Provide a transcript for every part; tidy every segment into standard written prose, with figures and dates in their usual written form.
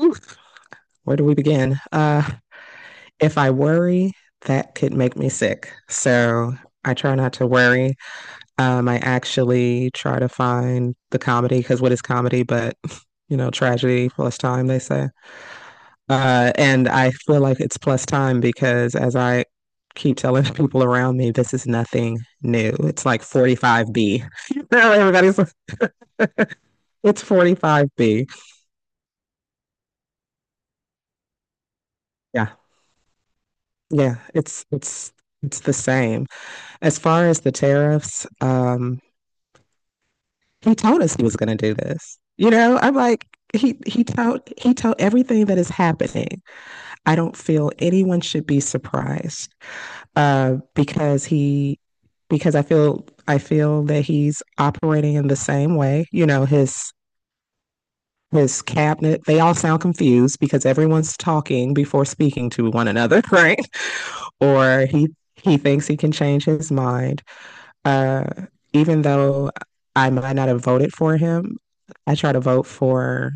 Oof, where do we begin? If I worry, that could make me sick. So I try not to worry. I actually try to find the comedy because what is comedy but, tragedy plus time, they say. And I feel like it's plus time because as I keep telling people around me, this is nothing new. It's like 45B. Everybody's like, it's 45B. Yeah. Yeah. It's the same. As far as the tariffs, he told us he was going to do this. I'm like, he told everything that is happening. I don't feel anyone should be surprised uh, because he because I feel that he's operating in the same way. His cabinet they all sound confused because everyone's talking before speaking to one another, right? Or he thinks he can change his mind. Uh, even though I might not have voted for him, I try to vote for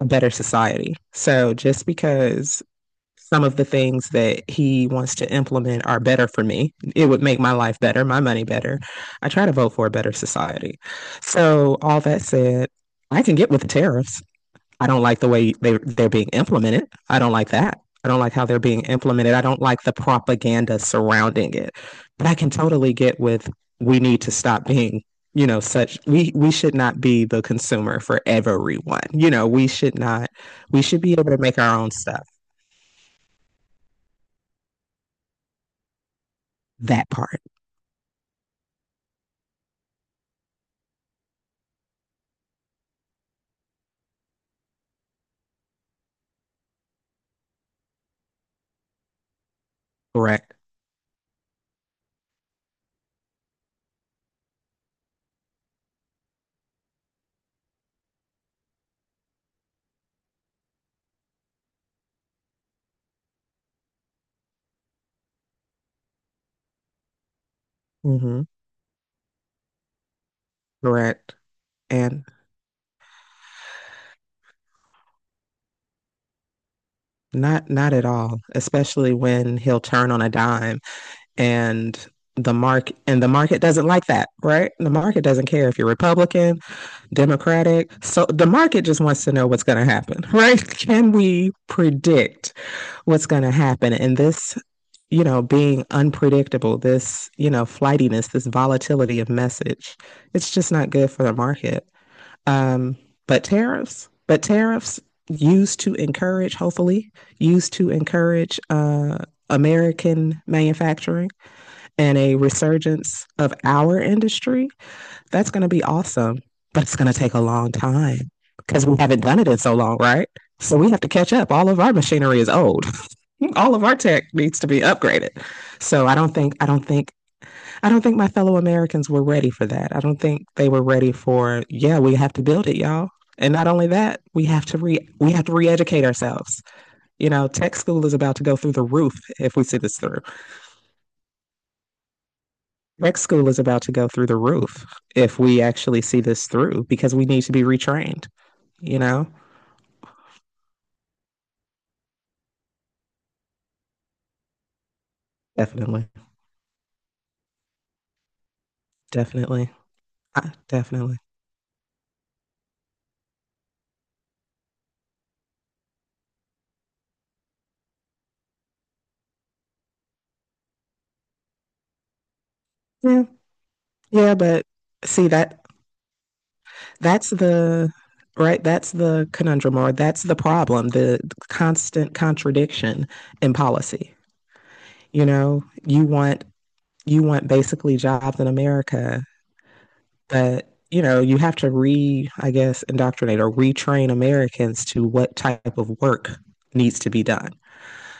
a better society. So just because some of the things that he wants to implement are better for me, it would make my life better, my money better. I try to vote for a better society. So all that said, I can get with the tariffs. I don't like the way they're being implemented. I don't like that. I don't like how they're being implemented. I don't like the propaganda surrounding it. But I can totally get with we need to stop being, such we should not be the consumer for everyone. We should not we should be able to make our own stuff. That part, correct? Mm-hmm. Correct. And not at all, especially when he'll turn on a dime and the market doesn't like that, right? The market doesn't care if you're Republican, Democratic. So the market just wants to know what's going to happen, right? Can we predict what's going to happen? And this, being unpredictable, this, flightiness, this volatility of message, it's just not good for the market. Um, but tariffs used to encourage, hopefully, used to encourage American manufacturing and a resurgence of our industry, that's going to be awesome. But it's going to take a long time because we haven't done it in so long, right? So we have to catch up. All of our machinery is old. All of our tech needs to be upgraded. So I don't think I don't think I don't think my fellow Americans were ready for that. I don't think they were ready for, yeah, we have to build it, y'all. And not only that, we have to re-educate ourselves. Tech school is about to go through the roof if we see this through. Next school is about to go through the roof if we actually see this through because we need to be retrained, you know? Definitely. Definitely. Ah, definitely. Yeah. Yeah, but see that's the right that's the conundrum or that's the problem, the constant contradiction in policy. You know, you want you want basically jobs in America. But, you have to I guess, indoctrinate or retrain Americans to what type of work needs to be done.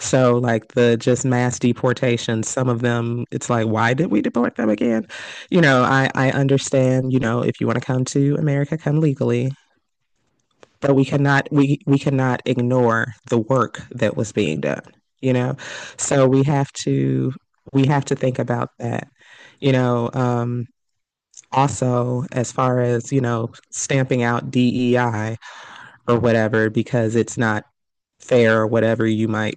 So, like the just mass deportations, some of them, it's like, why did we deport them again? I understand, if you want to come to America, come legally, but we cannot ignore the work that was being done, you know? So we have to think about that, you know, um, also as far as stamping out DEI or whatever because it's not fair or whatever you might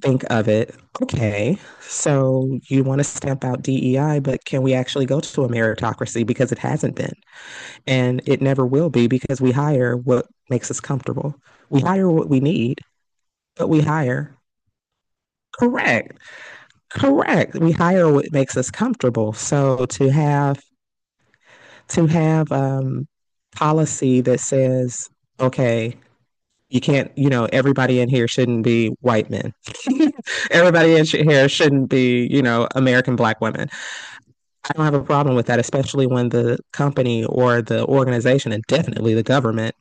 think of it. Okay, so you want to stamp out DEI, but can we actually go to a meritocracy? Because it hasn't been, and it never will be because we hire what makes us comfortable. We hire what we need. But we hire, correct, correct, we hire what makes us comfortable. So to have policy that says, okay, you can't, everybody in here shouldn't be white men. Everybody in here shouldn't be, American black women. I don't have a problem with that, especially when the company or the organization and definitely the government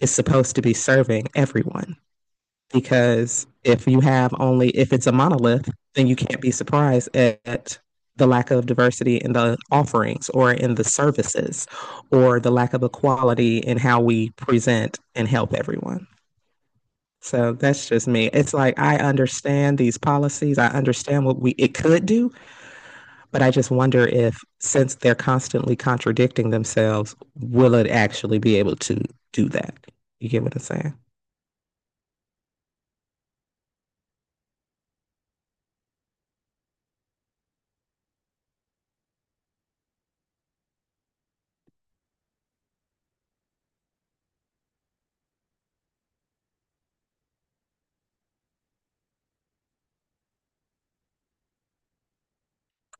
is supposed to be serving everyone because if it's a monolith, then you can't be surprised at the lack of diversity in the offerings or in the services or the lack of equality in how we present and help everyone. So that's just me. It's like I understand these policies. I understand what we it could do, but I just wonder if since they're constantly contradicting themselves, will it actually be able to do that? You get what I'm saying?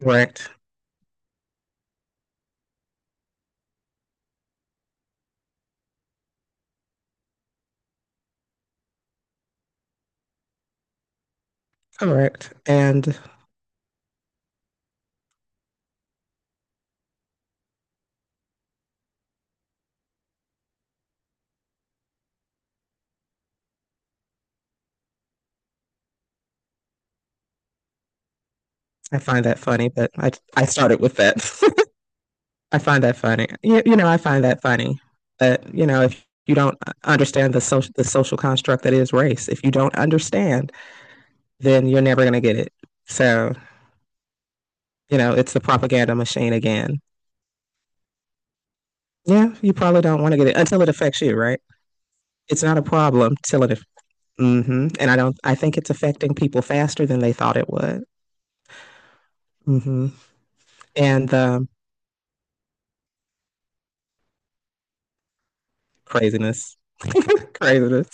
Correct. Correct. And I find that funny, but I started with that. I find that funny. I find that funny. But if you don't understand the social construct that is race, if you don't understand, then you're never gonna get it. So it's the propaganda machine again. Yeah, you probably don't want to get it until it affects you, right? It's not a problem till it. Mm-hmm. And I don't. I think it's affecting people faster than they thought it would. Mm-hmm. And craziness, craziness.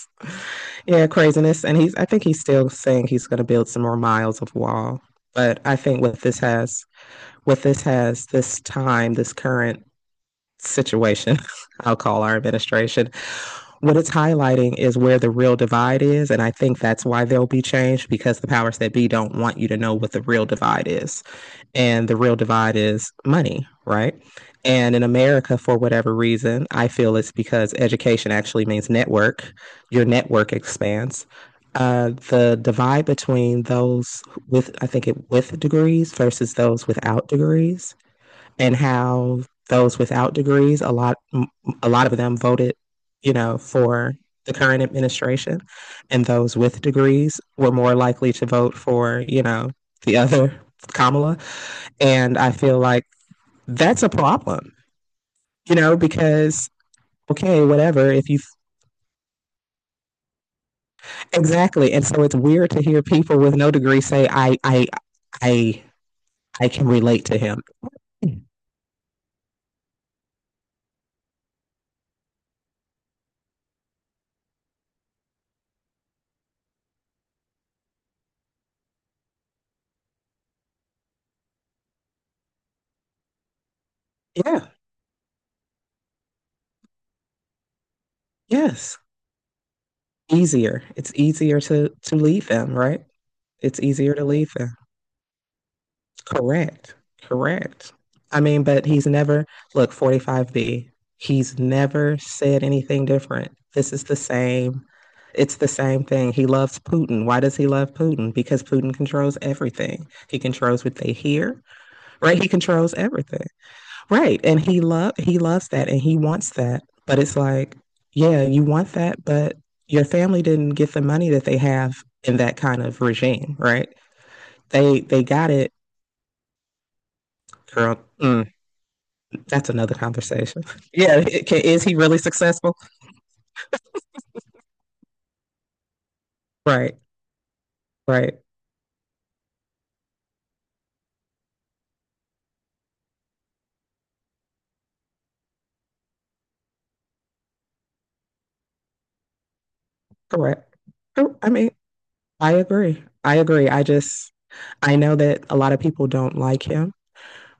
Yeah, craziness. And I think he's still saying he's going to build some more miles of wall. But I think what this has, this time, this current situation, I'll call our administration, what it's highlighting is where the real divide is. And I think that's why there'll be change because the powers that be don't want you to know what the real divide is, and the real divide is money, right? And in America, for whatever reason, I feel it's because education actually means network. Your network expands. The divide between those with, I think, it with degrees versus those without degrees, and how those without degrees, a lot of them voted, for the current administration, and those with degrees were more likely to vote for, the other Kamala. And I feel like that's a problem, because okay, whatever. If you exactly, and so it's weird to hear people with no degree say, I, I can relate to him." Yeah. Yes. Easier. It's easier to leave him, right? It's easier to leave him. Correct. Correct. I mean, but he's never, look, 45B, he's never said anything different. This is the same. It's the same thing. He loves Putin. Why does he love Putin? Because Putin controls everything. He controls what they hear, right? He controls everything. Right. And he loves that and he wants that. But it's like, yeah, you want that, but your family didn't get the money that they have in that kind of regime, right? They got it, girl. That's another conversation. Yeah, it can, is he really successful? Right, right, correct. Oh, I mean, I agree. I agree. I know that a lot of people don't like him,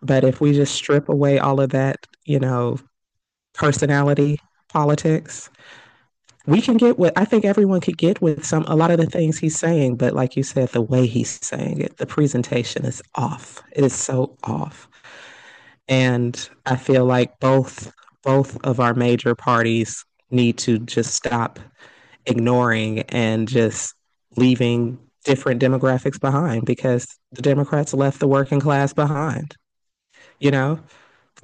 but if we just strip away all of that, you know, personality politics, we can get what I think everyone could get with some a lot of the things he's saying, but like you said, the way he's saying it, the presentation is off. It is so off. And I feel like both of our major parties need to just stop ignoring and just leaving different demographics behind because the Democrats left the working class behind you know,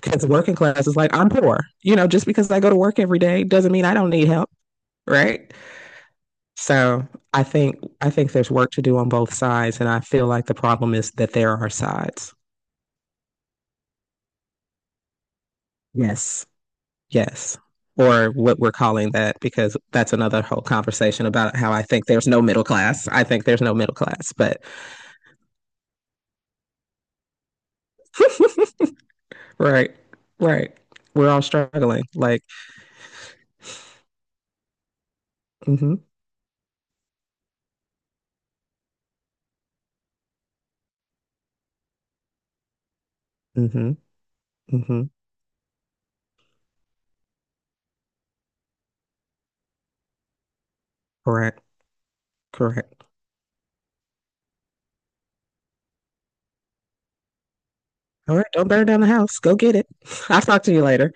because working class is like, I'm poor. Just because I go to work every day doesn't mean I don't need help, right? So I think I think there's work to do on both sides, and I feel like the problem is that there are sides. Yes, yes, or what we're calling that, because that's another whole conversation about how I think there's no middle class. I think there's no middle class, but right, right, we're all struggling. Like, mm-hmm, mm-hmm, mm-hmm. Correct, correct. All right, don't burn down the house. Go get it. I'll talk to you later.